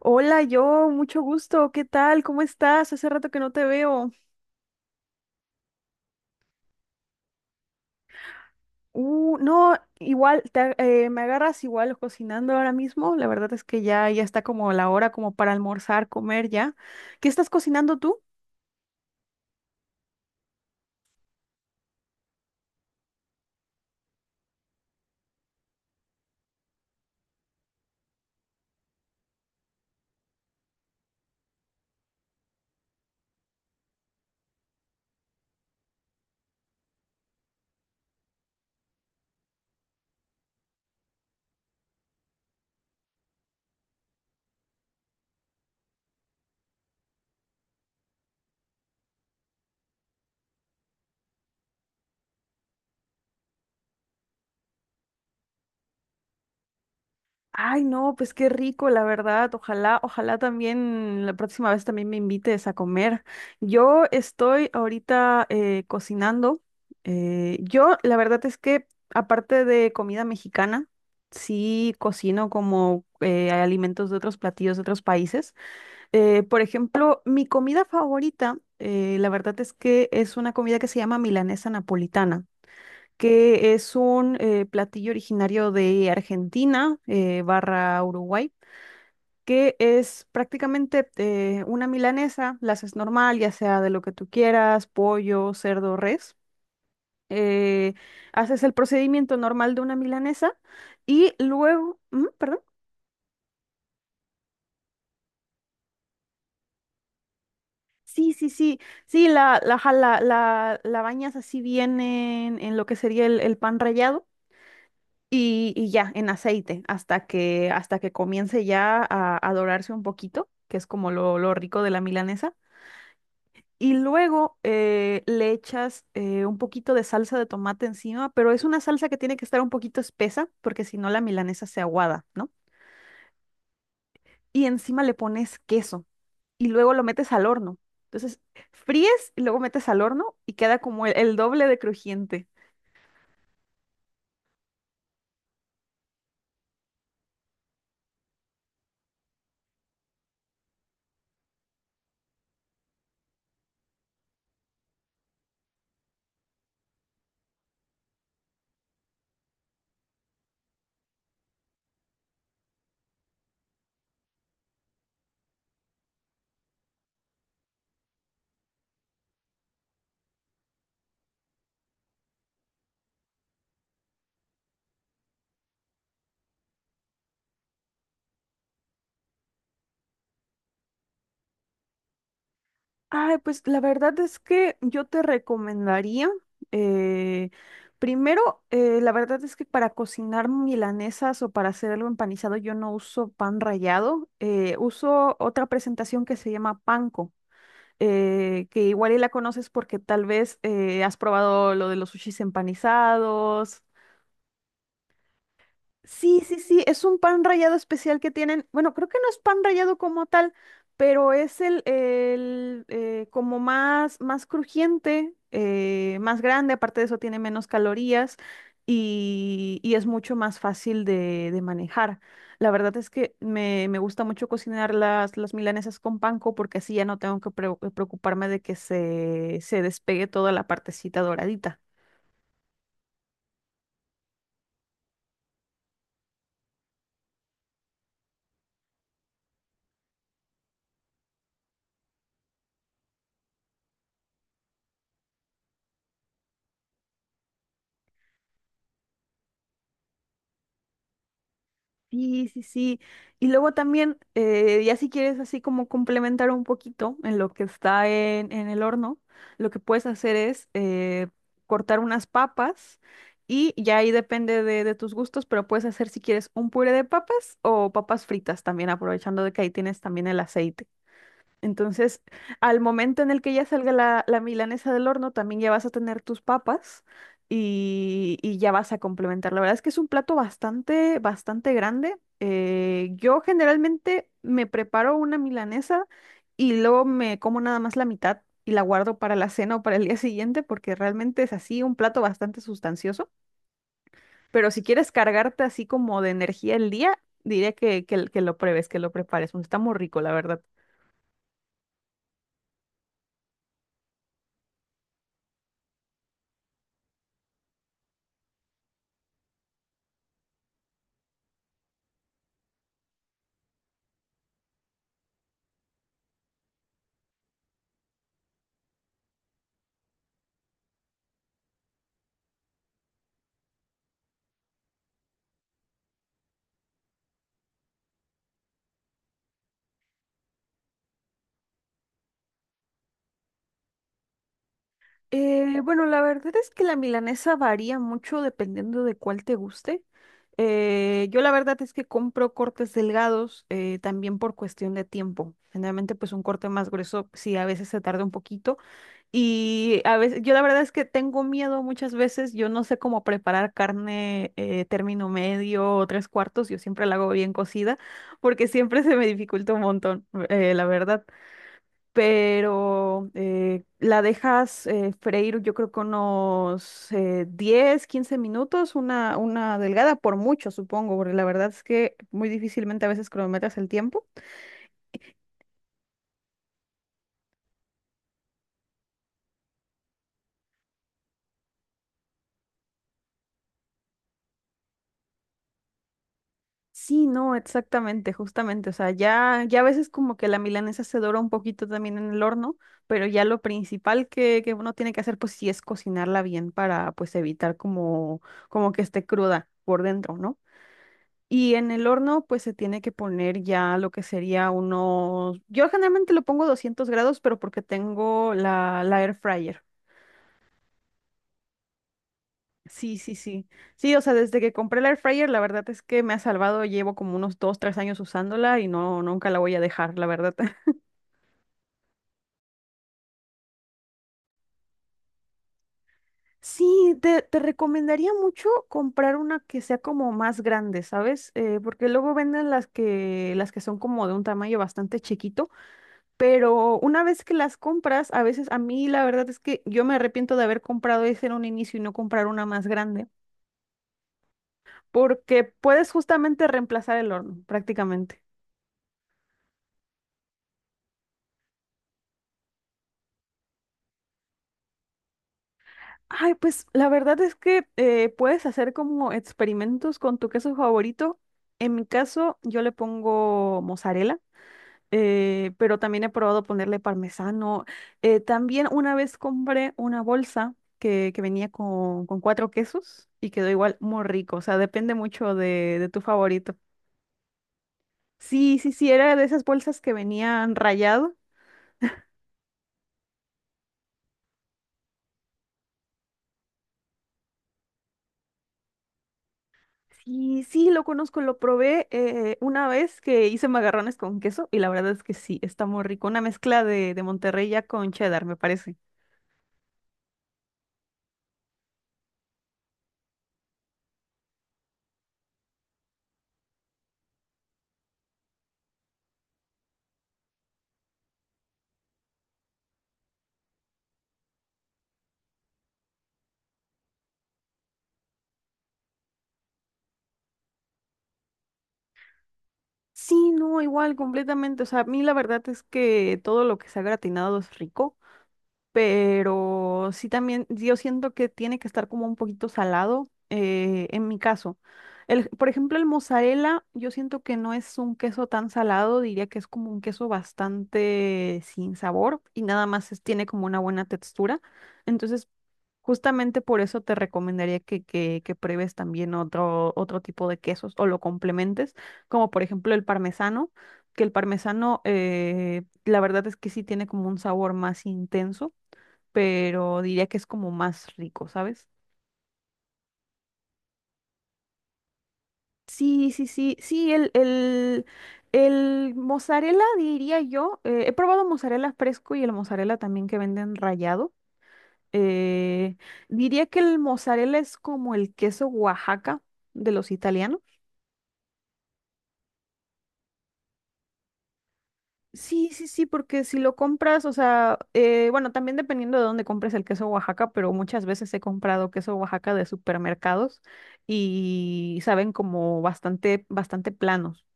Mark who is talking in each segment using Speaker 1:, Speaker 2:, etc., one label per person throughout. Speaker 1: Hola, yo, mucho gusto. ¿Qué tal? ¿Cómo estás? Hace rato que no te veo. No, igual, me agarras igual cocinando ahora mismo. La verdad es que ya está como la hora como para almorzar, comer ya. ¿Qué estás cocinando tú? Ay, no, pues qué rico, la verdad. Ojalá, ojalá también la próxima vez también me invites a comer. Yo estoy ahorita cocinando. Yo, la verdad es que aparte de comida mexicana, sí cocino como alimentos de otros platillos de otros países. Por ejemplo, mi comida favorita, la verdad es que es una comida que se llama milanesa napolitana, que es un platillo originario de Argentina barra Uruguay, que es prácticamente una milanesa, la haces normal, ya sea de lo que tú quieras, pollo, cerdo, res. Eh, haces el procedimiento normal de una milanesa y luego, ujú, perdón. Sí, sí, sí, sí, la, ajá, la bañas así bien en, lo que sería el pan rallado. Y ya, en aceite, hasta que, comience ya a dorarse un poquito, que es como lo rico de la milanesa. Y luego le echas un poquito de salsa de tomate encima, pero es una salsa que tiene que estar un poquito espesa, porque si no la milanesa se aguada, ¿no? Y encima le pones queso y luego lo metes al horno. Entonces, fríes y luego metes al horno y queda como el doble de crujiente. Ay, pues la verdad es que yo te recomendaría, eh, primero, la verdad es que para cocinar milanesas o para hacer algo empanizado yo no uso pan rallado, uso otra presentación que se llama panko, que igual y la conoces porque tal vez has probado lo de los sushis empanizados. Sí, sí, sí, es un pan rallado especial que tienen. Bueno, creo que no es pan rallado como tal, pero es el como más, más crujiente, más grande. Aparte de eso, tiene menos calorías y, es mucho más fácil de manejar. La verdad es que me, gusta mucho cocinar las milanesas con panko, porque así ya no tengo que preocuparme de que se despegue toda la partecita doradita. Sí, sí, sí. Y luego también, ya si quieres así como complementar un poquito en lo que está en, el horno, lo que puedes hacer es cortar unas papas, y ya ahí depende de tus gustos, pero puedes hacer, si quieres, un puré de papas o papas fritas también, aprovechando de que ahí tienes también el aceite. Entonces, al momento en el que ya salga la, milanesa del horno, también ya vas a tener tus papas y ya vas a complementar. La verdad es que es un plato bastante, bastante grande. Yo generalmente me preparo una milanesa y luego me como nada más la mitad y la guardo para la cena o para el día siguiente, porque realmente es así un plato bastante sustancioso. Pero si quieres cargarte así como de energía el día, diré que lo pruebes, que lo prepares, porque está muy rico, la verdad. Bueno, la verdad es que la milanesa varía mucho dependiendo de cuál te guste. Yo la verdad es que compro cortes delgados, también por cuestión de tiempo. Generalmente, pues, un corte más grueso sí a veces se tarda un poquito, y a veces yo la verdad es que tengo miedo muchas veces. Yo no sé cómo preparar carne término medio o tres cuartos. Yo siempre la hago bien cocida, porque siempre se me dificulta un montón, la verdad. Pero la dejas freír yo creo que unos, 10, 15 minutos, una, delgada por mucho, supongo, porque la verdad es que muy difícilmente a veces cronometras el tiempo. Sí, no, exactamente, justamente, o sea, ya, a veces como que la milanesa se dora un poquito también en el horno, pero ya lo principal que, uno tiene que hacer, pues sí, es cocinarla bien para pues evitar como que esté cruda por dentro, ¿no? Y en el horno, pues se tiene que poner ya lo que sería unos. Yo generalmente lo pongo 200 grados, pero porque tengo la air fryer. Sí, sí, sí. Sí, o sea, desde que compré la air fryer, la verdad es que me ha salvado. Llevo como unos dos, tres años usándola y no, nunca la voy a dejar, la verdad. Sí, te, recomendaría mucho comprar una que sea como más grande, ¿sabes? Porque luego venden las que son como de un tamaño bastante chiquito. Pero una vez que las compras, a veces a mí la verdad es que yo me arrepiento de haber comprado ese en un inicio y no comprar una más grande, porque puedes justamente reemplazar el horno prácticamente. Ay, pues la verdad es que, puedes hacer como experimentos con tu queso favorito. En mi caso, yo le pongo mozzarella, pero también he probado ponerle parmesano. También una vez compré una bolsa que, venía con cuatro quesos y quedó igual muy rico. O sea, depende mucho de tu favorito. Sí, sí, sí, era de esas bolsas que venían rayado. Sí, sí, lo conozco, lo probé una vez que hice macarrones con queso, y la verdad es que sí, está muy rico. Una mezcla de Monterrey ya con cheddar, me parece. Sí, no, igual, completamente. O sea, a mí la verdad es que todo lo que se ha gratinado es rico. Pero sí, también yo siento que tiene que estar como un poquito salado, en mi caso. El, por ejemplo, el mozzarella, yo siento que no es un queso tan salado, diría que es como un queso bastante sin sabor y nada más tiene como una buena textura. Entonces, justamente por eso te recomendaría que, pruebes también otro tipo de quesos o lo complementes, como, por ejemplo, el parmesano, que el parmesano, la verdad es que sí tiene como un sabor más intenso, pero diría que es como más rico, ¿sabes? Sí, sí, sí, sí, el mozzarella, diría yo, he probado mozzarella fresco y el mozzarella también que venden rallado. eh, diría que el mozzarella es como el queso Oaxaca de los italianos. Sí, sí, sí, porque si lo compras, o sea, bueno, también dependiendo de dónde compres el queso Oaxaca, pero muchas veces he comprado queso Oaxaca de supermercados y saben como bastante, bastante planos.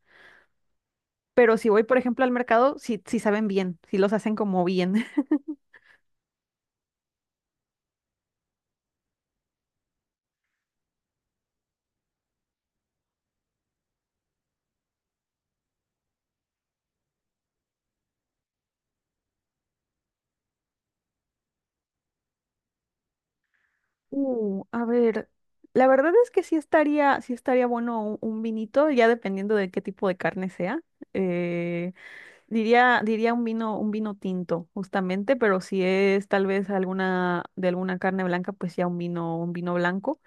Speaker 1: Pero si voy, por ejemplo, al mercado, sí, sí saben bien, sí los hacen como bien. A ver, la verdad es que sí estaría bueno un, vinito, ya dependiendo de qué tipo de carne sea. Eh, diría diría un vino tinto, justamente, pero si es tal vez de alguna carne blanca, pues ya un vino blanco.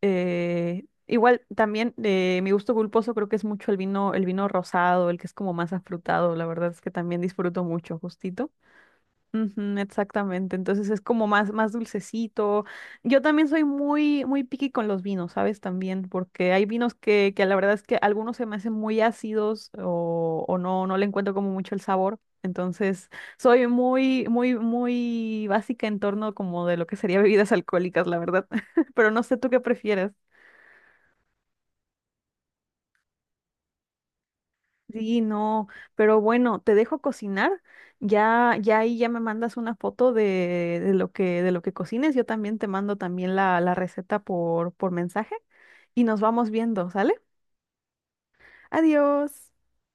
Speaker 1: Igual también, mi gusto culposo creo que es mucho el vino rosado, el que es como más afrutado. La verdad es que también disfruto mucho, justito. Ujú, exactamente, entonces es como más, más dulcecito. Yo también soy muy, muy picky con los vinos, ¿sabes? También, porque hay vinos que la verdad es que algunos se me hacen muy ácidos, o no, no le encuentro como mucho el sabor. Entonces, soy muy, muy, muy básica en torno como de lo que sería bebidas alcohólicas, la verdad. Pero no sé tú qué prefieres. Sí, no, pero bueno, te dejo cocinar. Ya ahí ya me mandas una foto de, lo que, de lo que cocines. Yo también te mando también la, receta por mensaje, y nos vamos viendo, ¿sale? Adiós.